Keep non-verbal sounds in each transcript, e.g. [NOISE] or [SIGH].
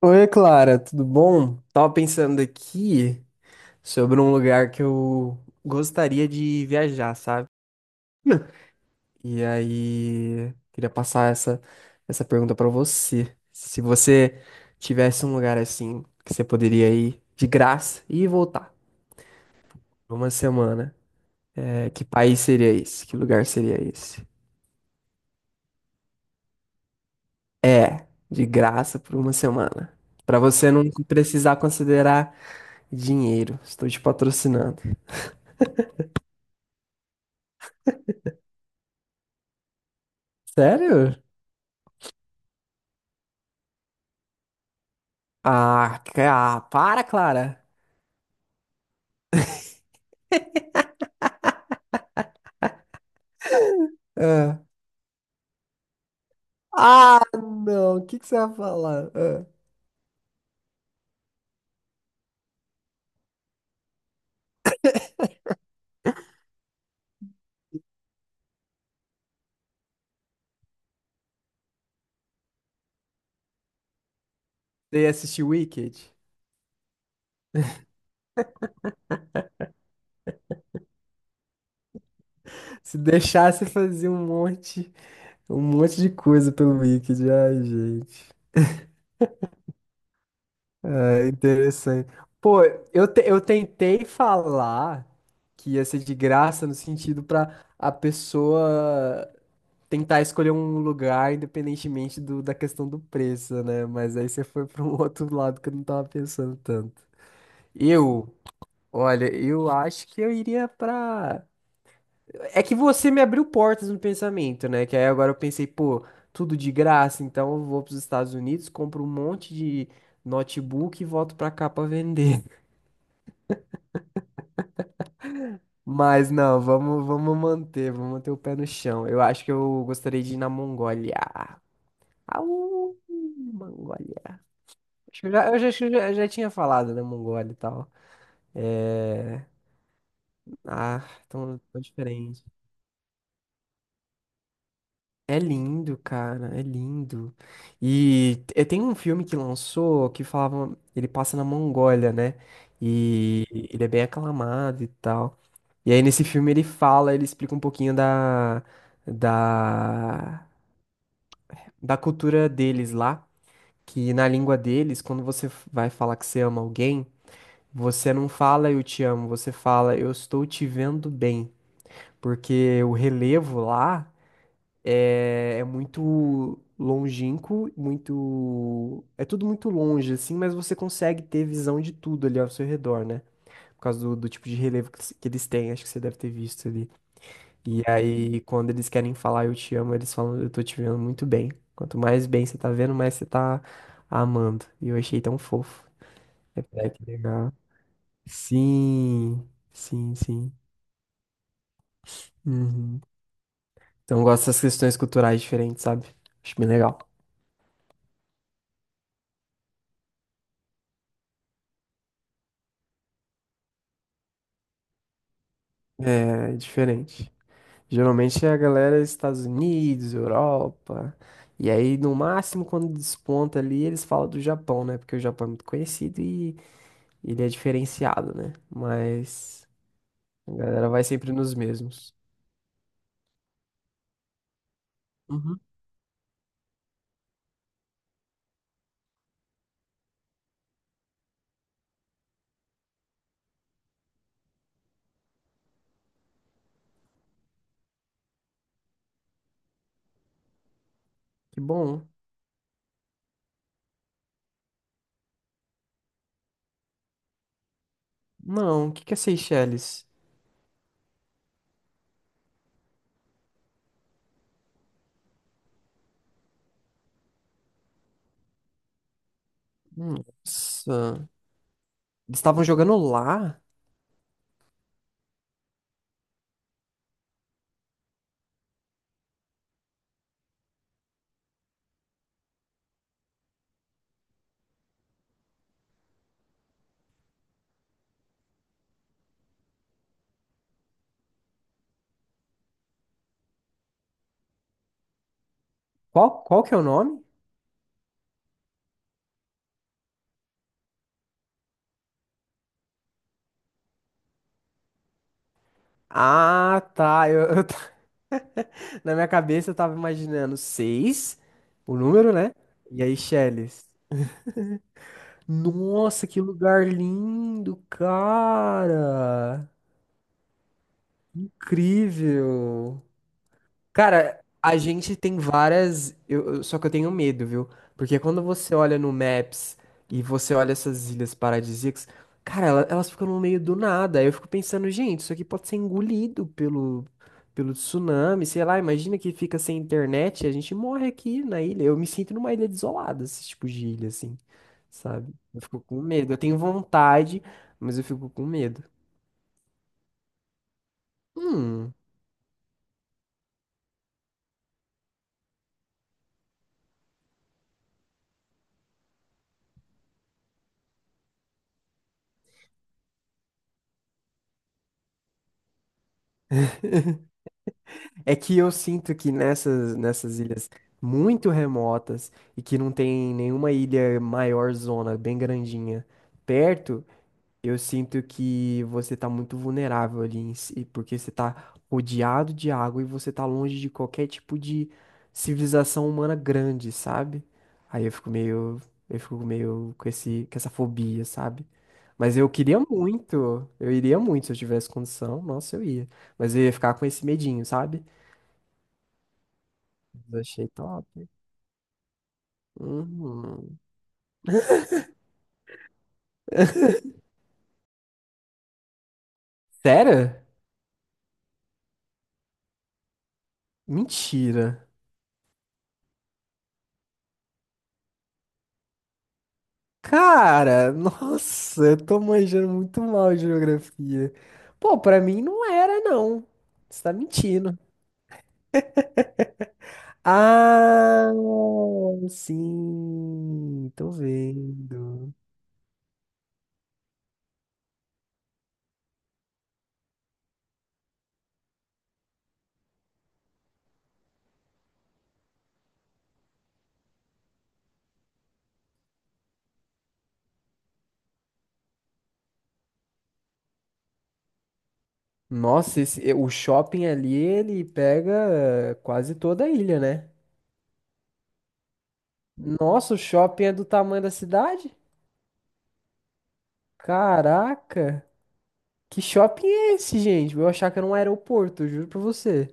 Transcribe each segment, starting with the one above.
Oi, Clara, tudo bom? Tava pensando aqui sobre um lugar que eu gostaria de viajar, sabe? E aí, queria passar essa pergunta pra você. Se você tivesse um lugar assim que você poderia ir de graça e voltar por uma semana, que país seria esse? Que lugar seria esse? É, de graça por uma semana. Pra você não precisar considerar dinheiro. Estou te patrocinando. Sério? Ah, cara, para, Clara. Ah, Ah, não. O que que você vai falar? Ah, você ia assistir Wicked? Se deixasse fazer um monte de coisa pelo Wicked. Ai, gente. Ah, interessante. Pô, eu tentei falar que ia ser de graça no sentido pra a pessoa tentar escolher um lugar independentemente da questão do preço, né? Mas aí você foi para um [LAUGHS] outro lado que eu não tava pensando tanto. Eu Olha, eu acho que eu iria pra. É que você me abriu portas no pensamento, né? Que aí agora eu pensei, pô, tudo de graça, então eu vou pros Estados Unidos, compro um monte de notebook e volto pra cá pra vender. [LAUGHS] Mas não, vamos manter o pé no chão. Eu acho que eu gostaria de ir na Mongólia. Au, Mongólia. Acho que já tinha falado, né, Mongólia e tal. É. Ah, tão, tão diferente. É lindo, cara, é lindo. E t- tem um filme que lançou que falava, ele passa na Mongólia, né? E ele é bem aclamado e tal. E aí nesse filme ele fala, ele explica um pouquinho da da cultura deles lá, que na língua deles, quando você f- vai falar que você ama alguém, você não fala eu te amo, você fala eu estou te vendo bem, porque o relevo lá é muito longínquo, muito. É tudo muito longe, assim, mas você consegue ter visão de tudo ali ao seu redor, né? Por causa do tipo de relevo que eles têm, acho que você deve ter visto ali. E aí, quando eles querem falar eu te amo, eles falam eu tô te vendo muito bem. Quanto mais bem você tá vendo, mais você tá amando. E eu achei tão fofo. É, é que legal. Sim, sim, sim. Uhum. Então, eu gosto dessas questões culturais diferentes, sabe? Acho bem legal. É, é diferente. Geralmente é a galera dos Estados Unidos, Europa. E aí, no máximo, quando desponta ali, eles falam do Japão, né? Porque o Japão é muito conhecido e ele é diferenciado, né? Mas a galera vai sempre nos mesmos. Uhum. Que bom. Não, o que que é Seychelles? Nossa. Eles estavam jogando lá? Qual, qual que é o nome? Ah, tá. [LAUGHS] Na minha cabeça eu tava imaginando seis, o número, né? E aí, Seychelles. Nossa, que lugar lindo, cara! Incrível! Cara, a gente tem várias. Só que eu tenho medo, viu? Porque quando você olha no Maps e você olha essas ilhas paradisíacas, cara, elas ficam no meio do nada. Aí eu fico pensando, gente, isso aqui pode ser engolido pelo tsunami, sei lá. Imagina que fica sem internet e a gente morre aqui na ilha. Eu me sinto numa ilha desolada, esse tipo de ilha, assim, sabe? Eu fico com medo. Eu tenho vontade, mas eu fico com medo. Hum. É que eu sinto que nessas ilhas muito remotas e que não tem nenhuma ilha maior zona, bem grandinha, perto, eu sinto que você tá muito vulnerável ali em si, porque você tá rodeado de água e você tá longe de qualquer tipo de civilização humana grande, sabe? Aí eu fico meio com com essa fobia, sabe? Mas eu queria muito, eu iria muito se eu tivesse condição, nossa, eu ia. Mas eu ia ficar com esse medinho, sabe? Achei top. Uhum. Sério? Mentira. Cara, nossa, eu tô manjando muito mal de geografia. Pô, pra mim não era, não. Você tá mentindo. Ah, sim, tô vendo. Nossa, esse- o shopping ali, ele pega quase toda a ilha, né? Nossa, o shopping é do tamanho da cidade? Caraca. Que shopping é esse, gente? Eu achava que era um aeroporto, eu juro pra você.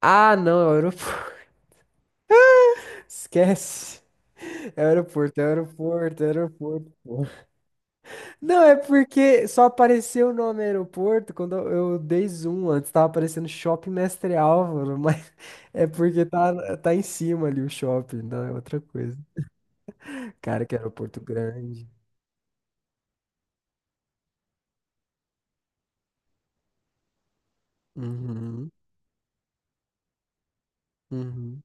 Ah, não, é o aeroporto. [LAUGHS] Esquece. É o aeroporto. Pô. Não, é porque só apareceu o nome aeroporto quando eu dei zoom antes. Tava aparecendo Shopping Mestre Álvaro, mas [LAUGHS] é porque tá em cima ali o shopping, não é outra coisa. Cara, que aeroporto grande. Uhum, uhum,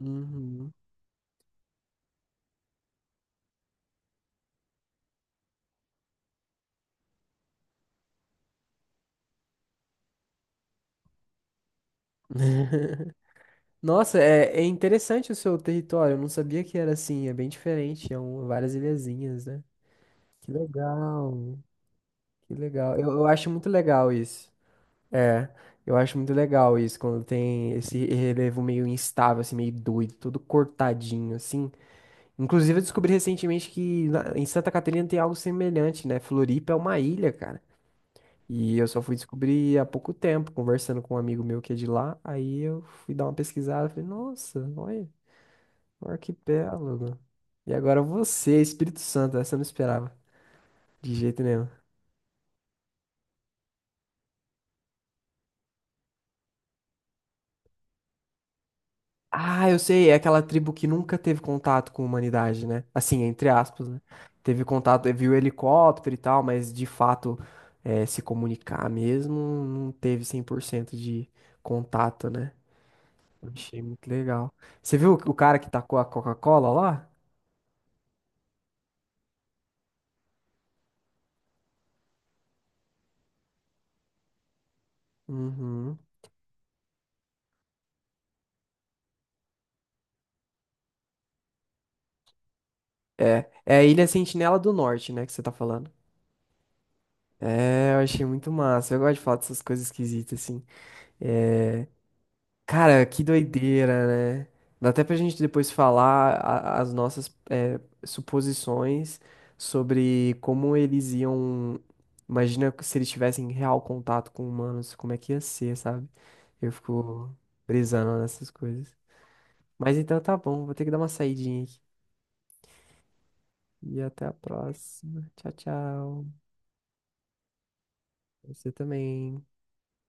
uhum. [LAUGHS] Nossa, é interessante o seu território. Eu não sabia que era assim. É bem diferente. É um, várias ilhazinhas, né? Que legal, que legal. Eu acho muito legal isso. É, eu acho muito legal isso quando tem esse relevo meio instável, assim, meio doido, todo cortadinho, assim. Inclusive, eu descobri recentemente que em Santa Catarina tem algo semelhante, né? Floripa é uma ilha, cara. E eu só fui descobrir há pouco tempo, conversando com um amigo meu que é de lá. Aí eu fui dar uma pesquisada, falei, nossa, olha. Um arquipélago. E agora você, Espírito Santo, essa eu não esperava. De jeito nenhum. Ah, eu sei, é aquela tribo que nunca teve contato com a humanidade, né? Assim, entre aspas, né? Teve contato, viu helicóptero e tal, mas de fato se comunicar mesmo, não teve 100% de contato, né? Eu Achei muito legal. Você viu o cara que tacou a Coca-Cola lá? Uhum. É, é a Ilha Sentinela do Norte, né, que você tá falando. É, eu achei muito massa. Eu gosto de falar dessas coisas esquisitas, assim. É, cara, que doideira, né? Dá até pra gente depois falar as nossas suposições sobre como eles iam. Imagina se eles tivessem real contato com humanos, como é que ia ser, sabe? Eu fico brisando nessas coisas. Mas então tá bom, vou ter que dar uma saidinha aqui. E até a próxima. Tchau, tchau. Você também.